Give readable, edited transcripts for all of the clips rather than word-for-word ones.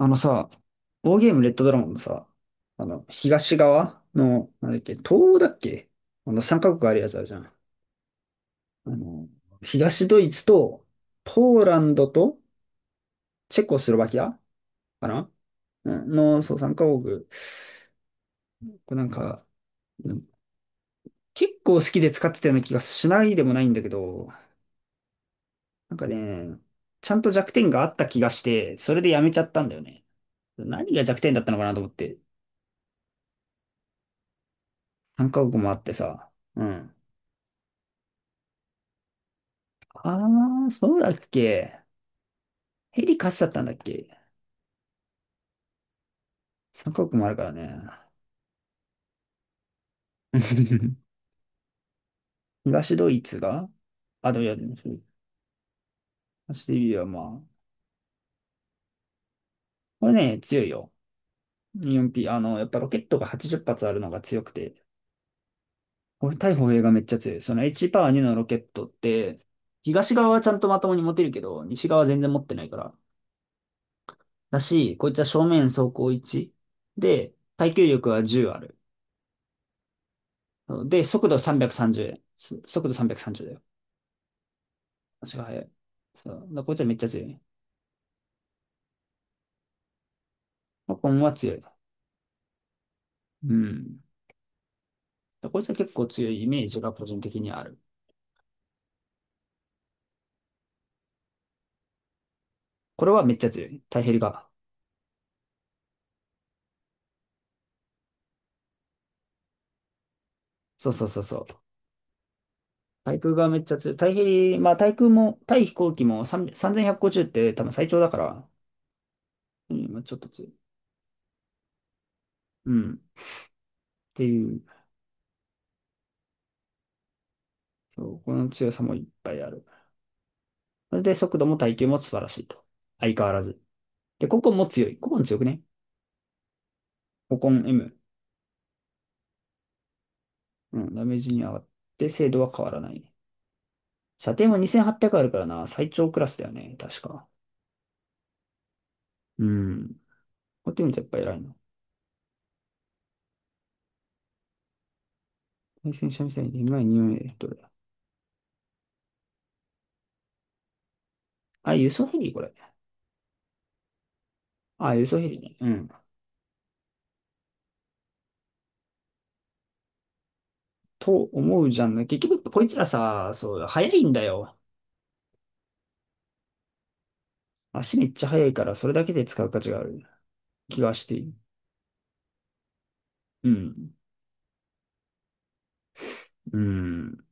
あのさ、ウォーゲームレッドドラゴンのさ、東側の、なんだっけ、東欧だっけ。3カ国あるやつあるじゃん。あの、東ドイツと、ポーランドと、チェコスロバキアかな。うんの、そう、3カ国。これなんか、うん結構好きで使ってたような気がしないでもないんだけど、なんかね、ちゃんと弱点があった気がして、それでやめちゃったんだよね。何が弱点だったのかなと思って、3カ国もあってさ。うん。ああ、そうだっけ。ヘリ貸しだったんだっけ。三カ国もあるからね。東ドイツが、あ、でもいや、でもそう、東ドイツはまあ、これね、強いよ。4P、やっぱロケットが80発あるのが強くて、これ対歩兵がめっちゃ強い。その H パワー2のロケットって、東側はちゃんとまともに持てるけど、西側は全然持ってないから。だし、こいつは正面走行1で、耐久力は10ある。で、速度330。速度330だよ。足が速い。そう。だからこいつはめっちゃ強い。まあ、コンは強い。うん。だからこいつは結構強いイメージが個人的にある。これはめっちゃ強い。タイヘリが。そうそうそうそう。対空がめっちゃ強い。タヘリ、まあ対空も、対飛行機も3 3150って多分最長だから、うん、まあちょっと強い。うん。っていう、そう、この強さもいっぱいある。それで速度も耐久も素晴らしいと。相変わらず。で、ココンも強い。ココン強くね。ココン M。うん、ダメージに上がって精度は変わらない。射程も2800あるからな、最長クラスだよね、確か。うん。こうやって見るとやっぱ偉いな。対戦車ミサイル、に2 a どれだあ、輸送ヘリこれ。あ、輸送ヘリね。うん。と思うじゃんね。結局、こいつらさ、そう、速いんだよ。足めっちゃ速いから、それだけで使う価値がある気がしている。うん。うん。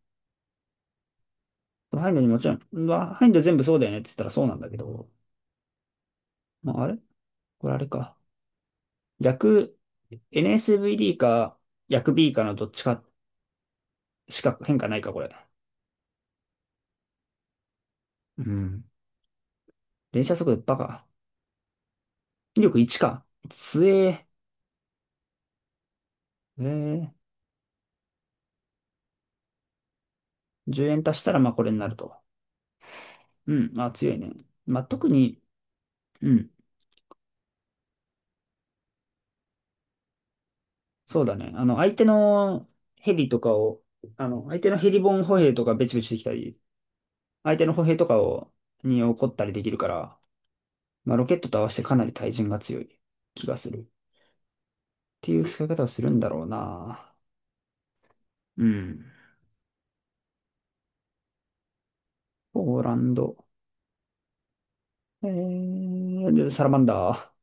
ハインドにもちろん、うわハインド全部そうだよねって言ったらそうなんだけど。まあ、あれこれあれか。逆、NSVD か、逆 B かのどっちかしか変化ないか、これ。うん。連射速度バカ。威力1か。強え。えー、10円足したらまあこれになると。うん、あ、強いね。まあ特に、うん、そうだね。相手のヘリとかを、相手のヘリボーン歩兵とかベチベチできたり、相手の歩兵とかを、に怒ったりできるから、まあロケットと合わせてかなり対人が強い気がする。っていう使い方をするんだろうな。うん。ポーランド。でサラマンダー。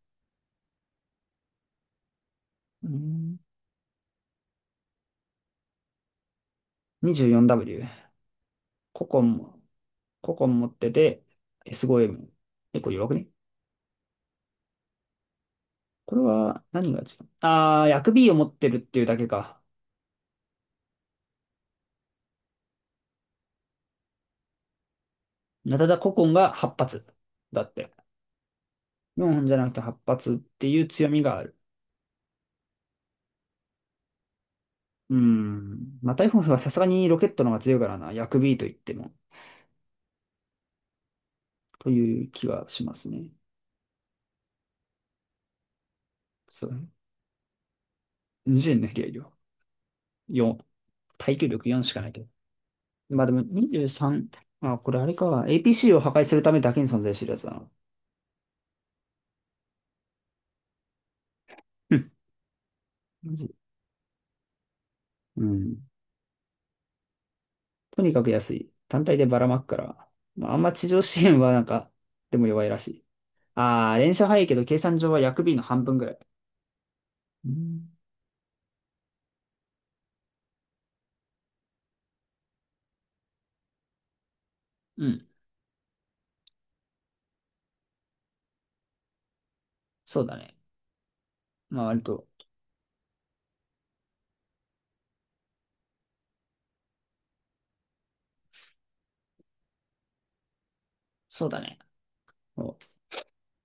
うん。 24W。ココン。個々持ってて、s 5 m 結構弱くね。これは何が違う。薬 B を持ってるっていうだけか。ナタダココンが8発。だって。4じゃなくて8発っていう強みがある。うーん。まあ、タイフォンはさすがにロケットの方が強いからな。薬 B と言っても。という気はしますね。そう。20の比例量。4。耐久力4しかないけど。まあでも23。まあ、これあれか。APC を破壊するためだけに存在してるやつだな。うん。うん。とにかく安い。単体でばらまくから。まあ、あんま地上支援はなんか、でも弱いらしい。ああ、連射早いけど計算上は薬 B の半分ぐらい。うん。うんそうだね。まあ割と、そうだね。そ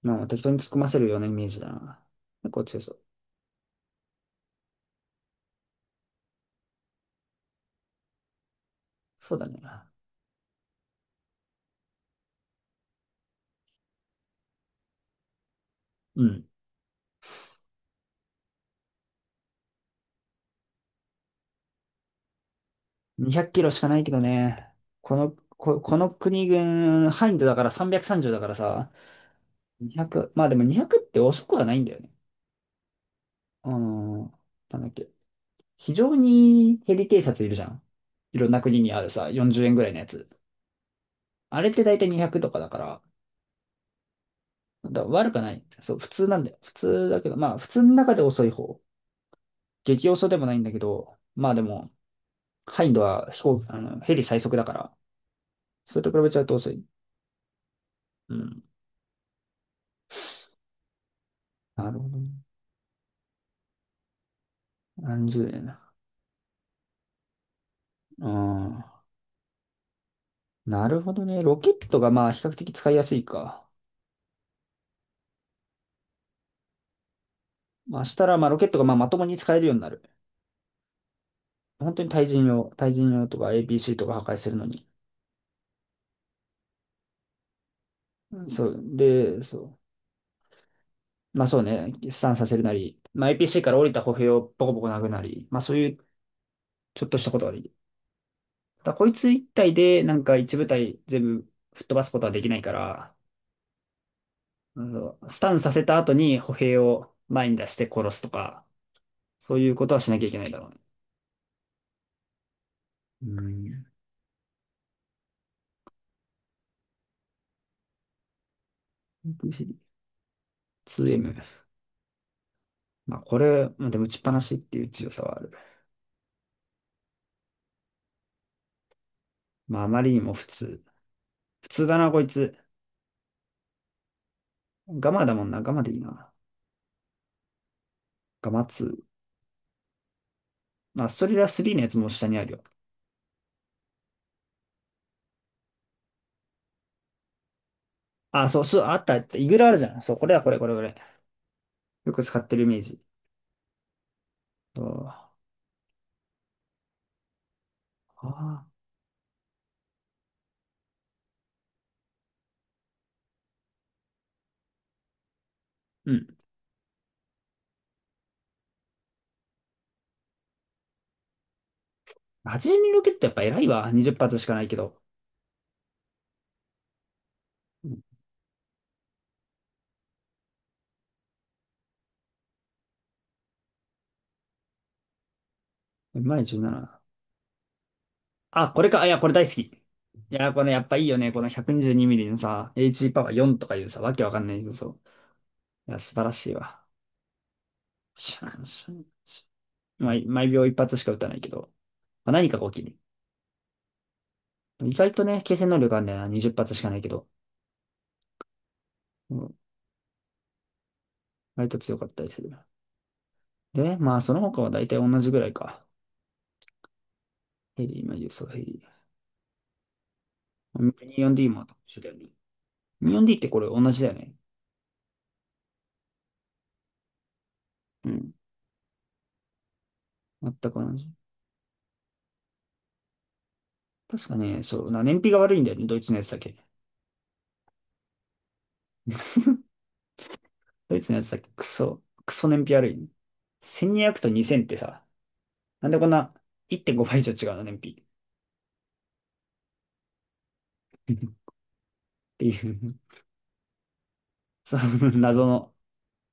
うまあ適当に突っ込ませるようなイメージだな。結構強そう。そうだね。うん。200キロしかないけどね。この、この国軍、ハインドだから330だからさ、200、まあでも200って遅くはないんだよね。あのなんだっけ。非常にヘリ偵察いるじゃん。いろんな国にあるさ、40円ぐらいのやつ。あれって大体200とかだから、だから悪くない。そう、普通なんだよ。普通だけど、まあ、普通の中で遅い方。激遅でもないんだけど、まあでも、ハインドは飛行、ヘリ最速だから、それと比べちゃうと遅い。うん。なるほどね。何十円。うん。なるほどね。ロケットがまあ比較的使いやすいか。まあしたらまあロケットがまあまともに使えるようになる。本当に対人用、対人用とか APC とか破壊するのに。うんそう、で、そう。まあそうね、飛散させるなり、まあ APC から降りた歩兵をボコボコ殴るなり、まあそういうちょっとしたことができる。ただこいつ一体でなんか一部隊全部吹っ飛ばすことはできないから、うんそうスタンさせた後に歩兵を前に出して殺すとか、そういうことはしなきゃいけないだろうね。うん。2M。まあこれ、まあでも打ちっぱなしっていう強さはある。まああまりにも普通。普通だな、こいつ。ガマだもんな、ガマでいいな。ガマ2。まあストリラ3のやつも下にあるよ。あ、そう、そう、あったあった。イグラあるじゃん。そう、これだ、これ、これ、これ。よく使ってるイメージ。そう。ああ。うん。80ミリロケットやっぱ偉いわ。20発しかないけど。うん。前17。あ、これか。あいや、これ大好き。いや、これやっぱいいよね。この122ミリのさ、H パワー4とかいうさ、わけわかんないけど、そう。いや、素晴らしいわ。シャンシャンシャン毎秒1発しか撃たないけど、まあ、何かが起きる。意外とね、継戦能力あるんだよな。20発しかないけど。うん。割と強かったりする。で、まあ、その他は大体同じぐらいか。ヘリー、マそう、ヘリにじゅうよんディー。24D も一緒だよね。にじゅうよんディーってこれ同じだよね。うん。全く同じ。確かね、そう、燃費が悪いんだよね、ドイツのやつだけ。ドイツのやつだけ、クソ燃費悪いね、1200と2000ってさ、なんでこんな1.5倍以上違うの、燃費。っていう その謎の、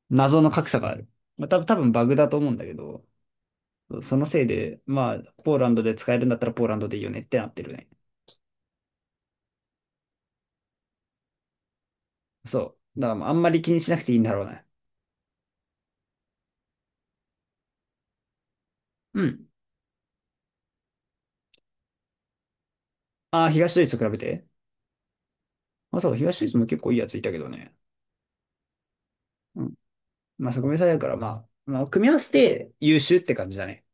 謎の格差がある。まあ、多分バグだと思うんだけど、そのせいで、まあ、ポーランドで使えるんだったらポーランドでいいよねってなってるね。そう。だからあんまり気にしなくていいんだろうね。うん。ああ、東ドイツと比べて。まあそう、東ドイツも結構いいやついたけどね。うん。まあそこ目さだから、まあ、組み合わせて優秀って感じだね。